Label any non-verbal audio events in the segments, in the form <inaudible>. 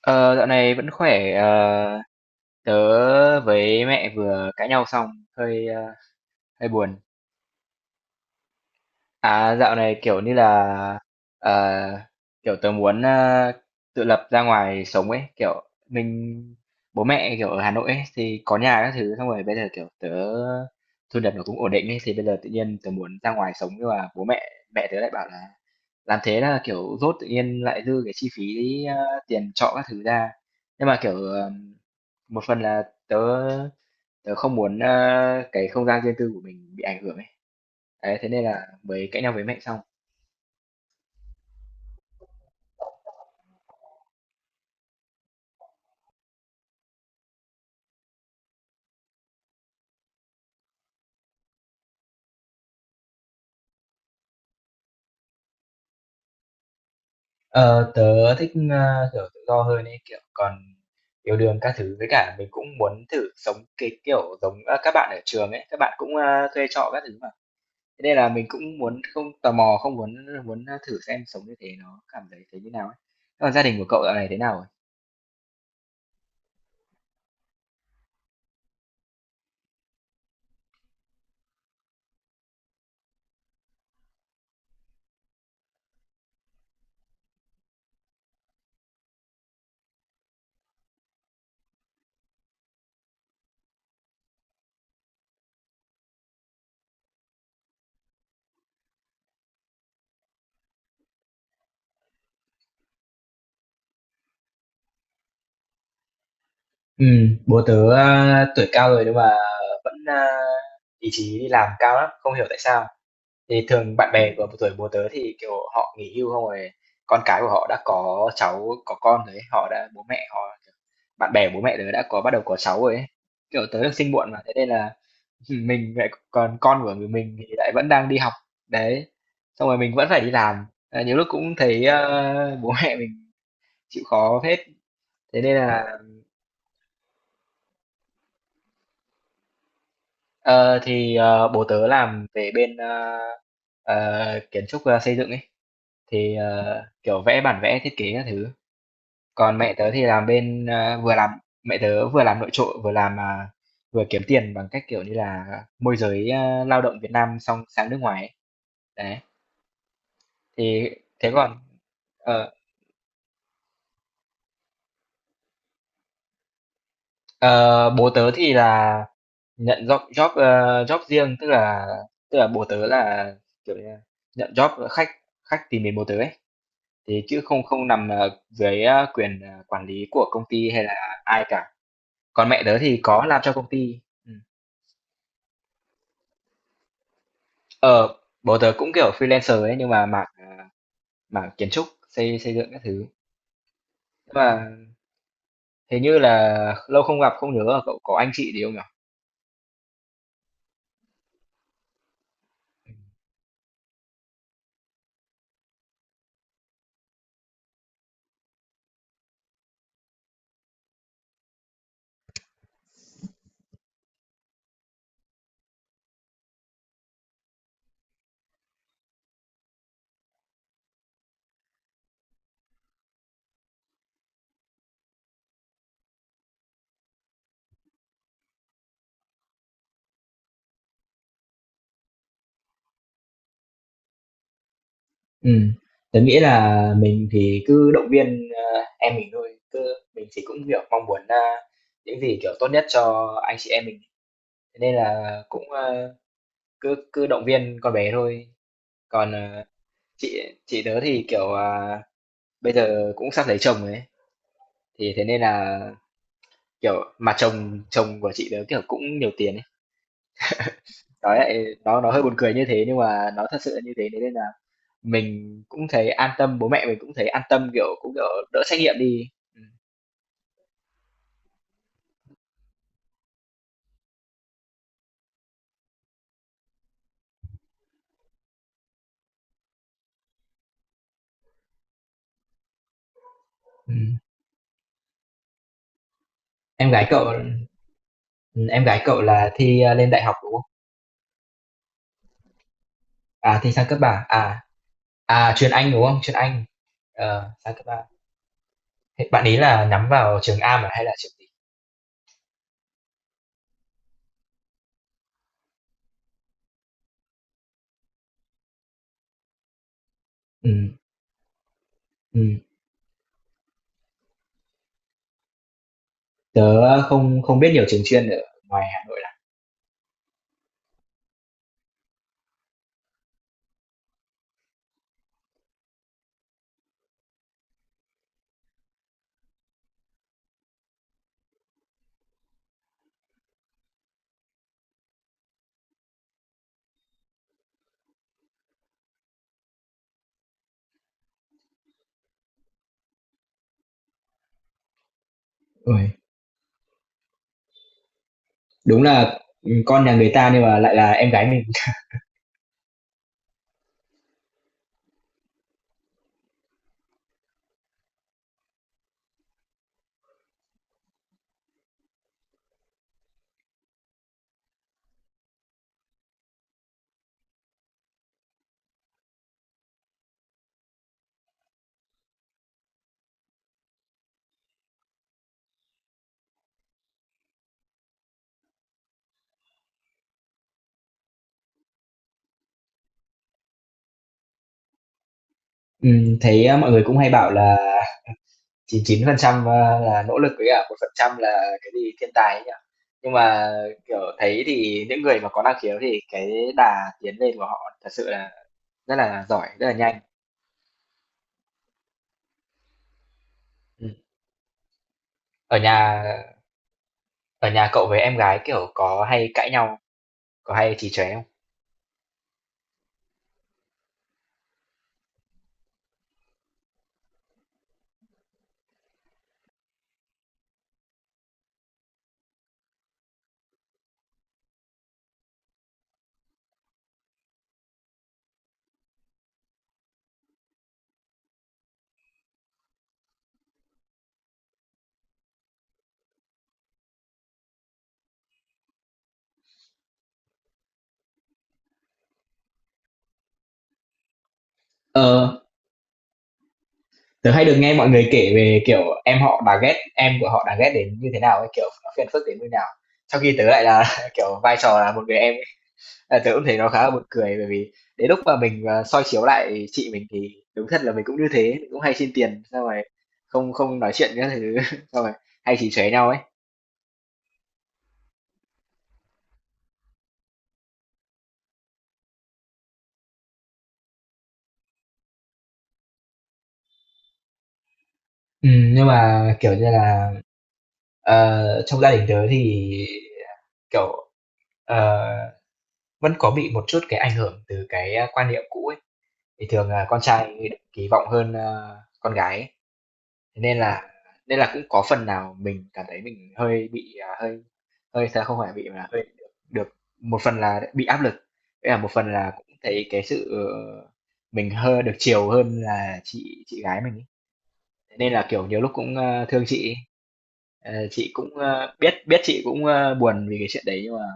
Ờ, dạo này vẫn khỏe. Ờ, tớ với mẹ vừa cãi nhau xong, hơi hơi buồn. À, dạo này kiểu như là ờ, kiểu tớ muốn tự lập ra ngoài sống ấy, kiểu mình bố mẹ kiểu ở Hà Nội ấy, thì có nhà các thứ, xong rồi bây giờ kiểu tớ thu nhập nó cũng ổn định ấy, thì bây giờ tự nhiên tớ muốn ra ngoài sống nhưng mà bố mẹ mẹ tớ lại bảo là làm thế là kiểu dốt tự nhiên lại dư cái chi phí tiền trọ các thứ ra nhưng mà kiểu một phần là tớ tớ không muốn cái không gian riêng tư của mình bị ảnh hưởng ấy đấy, thế nên là mới cãi nhau với mẹ xong. Ờ, tớ thích kiểu tự do hơn ấy kiểu còn yêu đương các thứ với cả mình cũng muốn thử sống cái kiểu giống các bạn ở trường ấy các bạn cũng thuê trọ các thứ mà thế nên là mình cũng muốn không tò mò không muốn muốn thử xem sống như thế nó cảm thấy thế như nào ấy. Thế còn gia đình của cậu dạo này thế nào? Ừ, bố tớ, tuổi cao rồi nhưng mà vẫn, ý chí đi làm cao lắm, không hiểu tại sao. Thì thường bạn bè của tuổi bố tớ thì, kiểu, họ nghỉ hưu không rồi con cái của họ đã có cháu, có con rồi ấy, họ đã bố mẹ họ bạn bè bố mẹ tớ đã có bắt đầu có cháu rồi ấy. Kiểu, tớ được sinh muộn mà, thế nên là, <laughs> mình lại còn con của người mình thì lại vẫn đang đi học, đấy, xong rồi mình vẫn phải đi làm, nhiều lúc cũng thấy, bố mẹ mình chịu khó hết, thế nên là. Ờ, thì bố tớ làm về bên kiến trúc xây dựng ấy thì kiểu vẽ bản vẽ thiết kế các thứ. Còn mẹ tớ thì làm bên vừa làm mẹ tớ vừa làm nội trợ vừa làm vừa kiếm tiền bằng cách kiểu như là môi giới lao động Việt Nam xong sang nước ngoài ấy. Đấy thì thế còn ờ, ờ, bố tớ thì là nhận job job ờ, job riêng tức là bố tớ là kiểu như là nhận job khách khách tìm đến bố tớ ấy. Thế chứ không không nằm, dưới, quyền, quản lý của công ty hay là ai cả. Còn mẹ tớ thì có làm cho công ty. Ừm. Ờ, bố tớ cũng, kiểu, freelancer ấy, nhưng mà mảng mảng kiến trúc, xây xây dựng các thứ. Nhưng mà hình như là lâu không gặp, không nhớ là cậu có anh chị gì không nhỉ? Ừm, tớ nghĩ là mình thì cứ động viên, em mình thôi, cứ mình thì cũng, kiểu, mong muốn, những gì, kiểu, tốt nhất cho anh chị em mình, thế nên là cũng, cứ cứ động viên con bé thôi. Còn, chị tớ thì kiểu bây giờ cũng sắp lấy chồng ấy thì thế nên là kiểu mà chồng chồng của chị tớ kiểu cũng nhiều tiền ấy nói lại nó hơi buồn cười như thế nhưng mà nó thật sự là như thế thế nên là mình cũng thấy an tâm bố mẹ mình cũng thấy an tâm kiểu cũng kiểu đỡ trách nhiệm đi. Ừ. Ừ. Em gái cậu. Ừ, em gái cậu là thi lên đại học đúng không? À thi sang cấp ba. À chuyên Anh đúng không? Chuyên Anh. Ờ sang cấp ba. Thế bạn ý là nhắm vào trường Am à hay là trường gì? Ừ. Tớ ờ, không không biết nhiều trường chuyên ở ngoài Hà Nội lắm. Ôi, đúng là, ừ, con nhà người ta nhưng mà lại là em gái mình. <laughs> Thấy, mọi người cũng hay bảo là 99% là nỗ lực với cả 1% là cái gì thiên tài ấy nhỉ? Nhưng mà, kiểu, thấy thì những người mà có năng khiếu thì cái đà tiến lên của họ thật sự là rất là giỏi, rất là nhanh. Ừm. Ở nhà Ở nhà cậu với em gái, kiểu, có hay cãi nhau, có hay trì tróe không? Ờ. Tớ hay được nghe mọi người kể về kiểu em họ bà ghét em của họ đã ghét đến như thế nào ấy kiểu nó phiền phức đến như nào trong khi tớ lại là <laughs> kiểu vai trò là một người em ấy. À, tớ cũng thấy nó khá là buồn cười bởi vì đến lúc mà mình soi chiếu lại chị mình thì đúng thật là mình cũng như thế mình cũng hay xin tiền xong rồi không không nói chuyện các thứ <laughs> xong rồi hay chỉ xóe nhau ấy. Ừ, nhưng mà kiểu như là trong gia đình tớ thì kiểu ờ, vẫn có bị một chút cái ảnh hưởng từ cái quan niệm cũ ấy. Thì thường là con trai kỳ vọng hơn, con gái ấy, thế nên là cũng có phần nào mình cảm thấy mình hơi bị, hơi hơi thật không phải bị mà hơi được được một phần là bị áp lực, với là một phần là cũng thấy cái sự, mình hơi được chiều hơn là chị gái mình ấy. Thế nên là, kiểu, nhiều lúc cũng, thương chị ấy, chị cũng, biết biết chị cũng, buồn vì cái chuyện đấy nhưng mà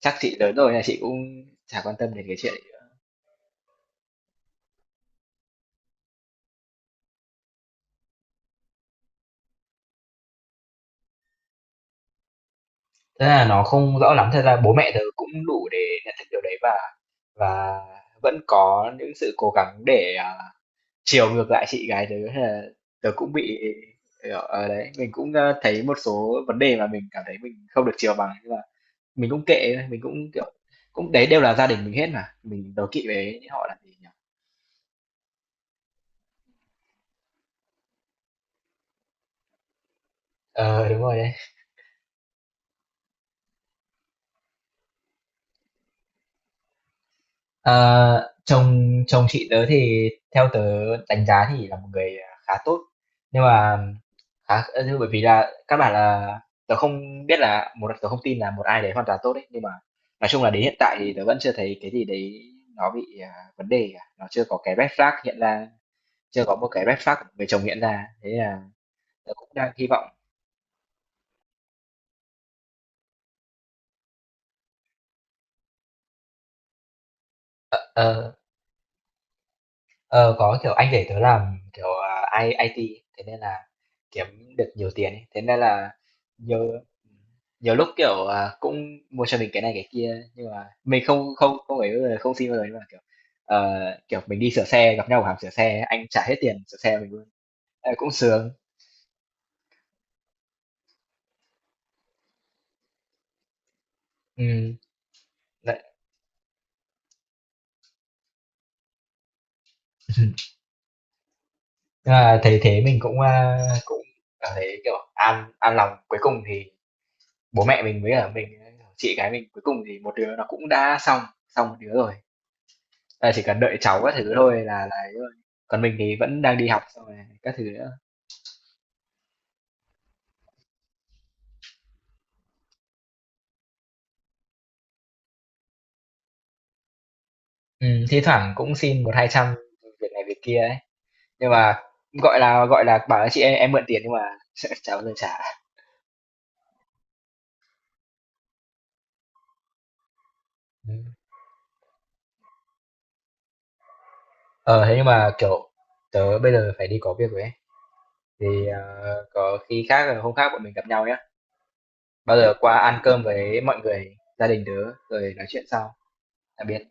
chắc chị lớn rồi nên là chị cũng chả quan tâm đến cái chuyện đấy nữa. Thế là nó không rõ lắm, thật ra bố mẹ tớ cũng đủ để nhận thức điều đấy và vẫn có những sự cố gắng để, chiều ngược lại chị gái tớ hay là tớ cũng bị, đấy, mình cũng, thấy một số vấn đề mà mình cảm thấy mình không được chiều bằng, nhưng mà mình cũng kệ thôi, mình cũng, kiểu cũng đấy đều là gia đình mình hết mà, mình đố kỵ với họ làm gì nhỉ? Ờ, đúng rồi đấy. Ờ, chồng chồng chị tớ thì theo tớ đánh giá thì là một người khá tốt nhưng mà khá bởi vì là các bạn là tớ không biết là một tớ không tin là một ai đấy hoàn toàn tốt đấy nhưng mà nói chung là đến hiện tại thì tớ vẫn chưa thấy cái gì đấy nó bị vấn đề cả nó chưa có cái red flag hiện ra chưa có một cái red flag của người chồng hiện ra thế là tớ cũng đang hy vọng ờ, Ờ, có, kiểu, anh để tớ làm, kiểu, IT, thế nên là kiếm được nhiều tiền ấy. Thế nên là nhiều nhiều lúc, kiểu, cũng mua cho mình cái này cái kia, nhưng mà mình không không không ấy bao không xin bao giờ, nhưng mà, kiểu, ờ, kiểu, mình đi sửa xe, gặp nhau ở hàng sửa xe, anh trả hết tiền sửa xe mình luôn. Ờ, cũng sướng. Ừm, đấy. <laughs> Nhưng mà thấy thế mình cũng, cũng cảm thấy, kiểu, an lòng. Cuối cùng thì bố mẹ mình với cả mình, chị gái mình, cuối cùng thì một đứa nó cũng đã xong xong một đứa rồi. Là chỉ cần đợi cháu các thứ thôi là ấy rồi. Còn mình thì vẫn đang đi học xong rồi các thứ nữa. Thi thoảng cũng xin một hai trăm việc này việc kia ấy. Nhưng mà gọi là, bảo là "Chị ơi, em mượn tiền" nhưng mà <laughs> chả bao giờ <laughs> trả. Ừm. Ờ, thế nhưng mà, kiểu, tớ bây giờ phải đi có việc rồi ấy, thì, có khi khác là hôm khác bọn mình gặp nhau nhá. Bao giờ qua ăn cơm với mọi người, gia đình tớ rồi nói chuyện sau. Tạm biệt.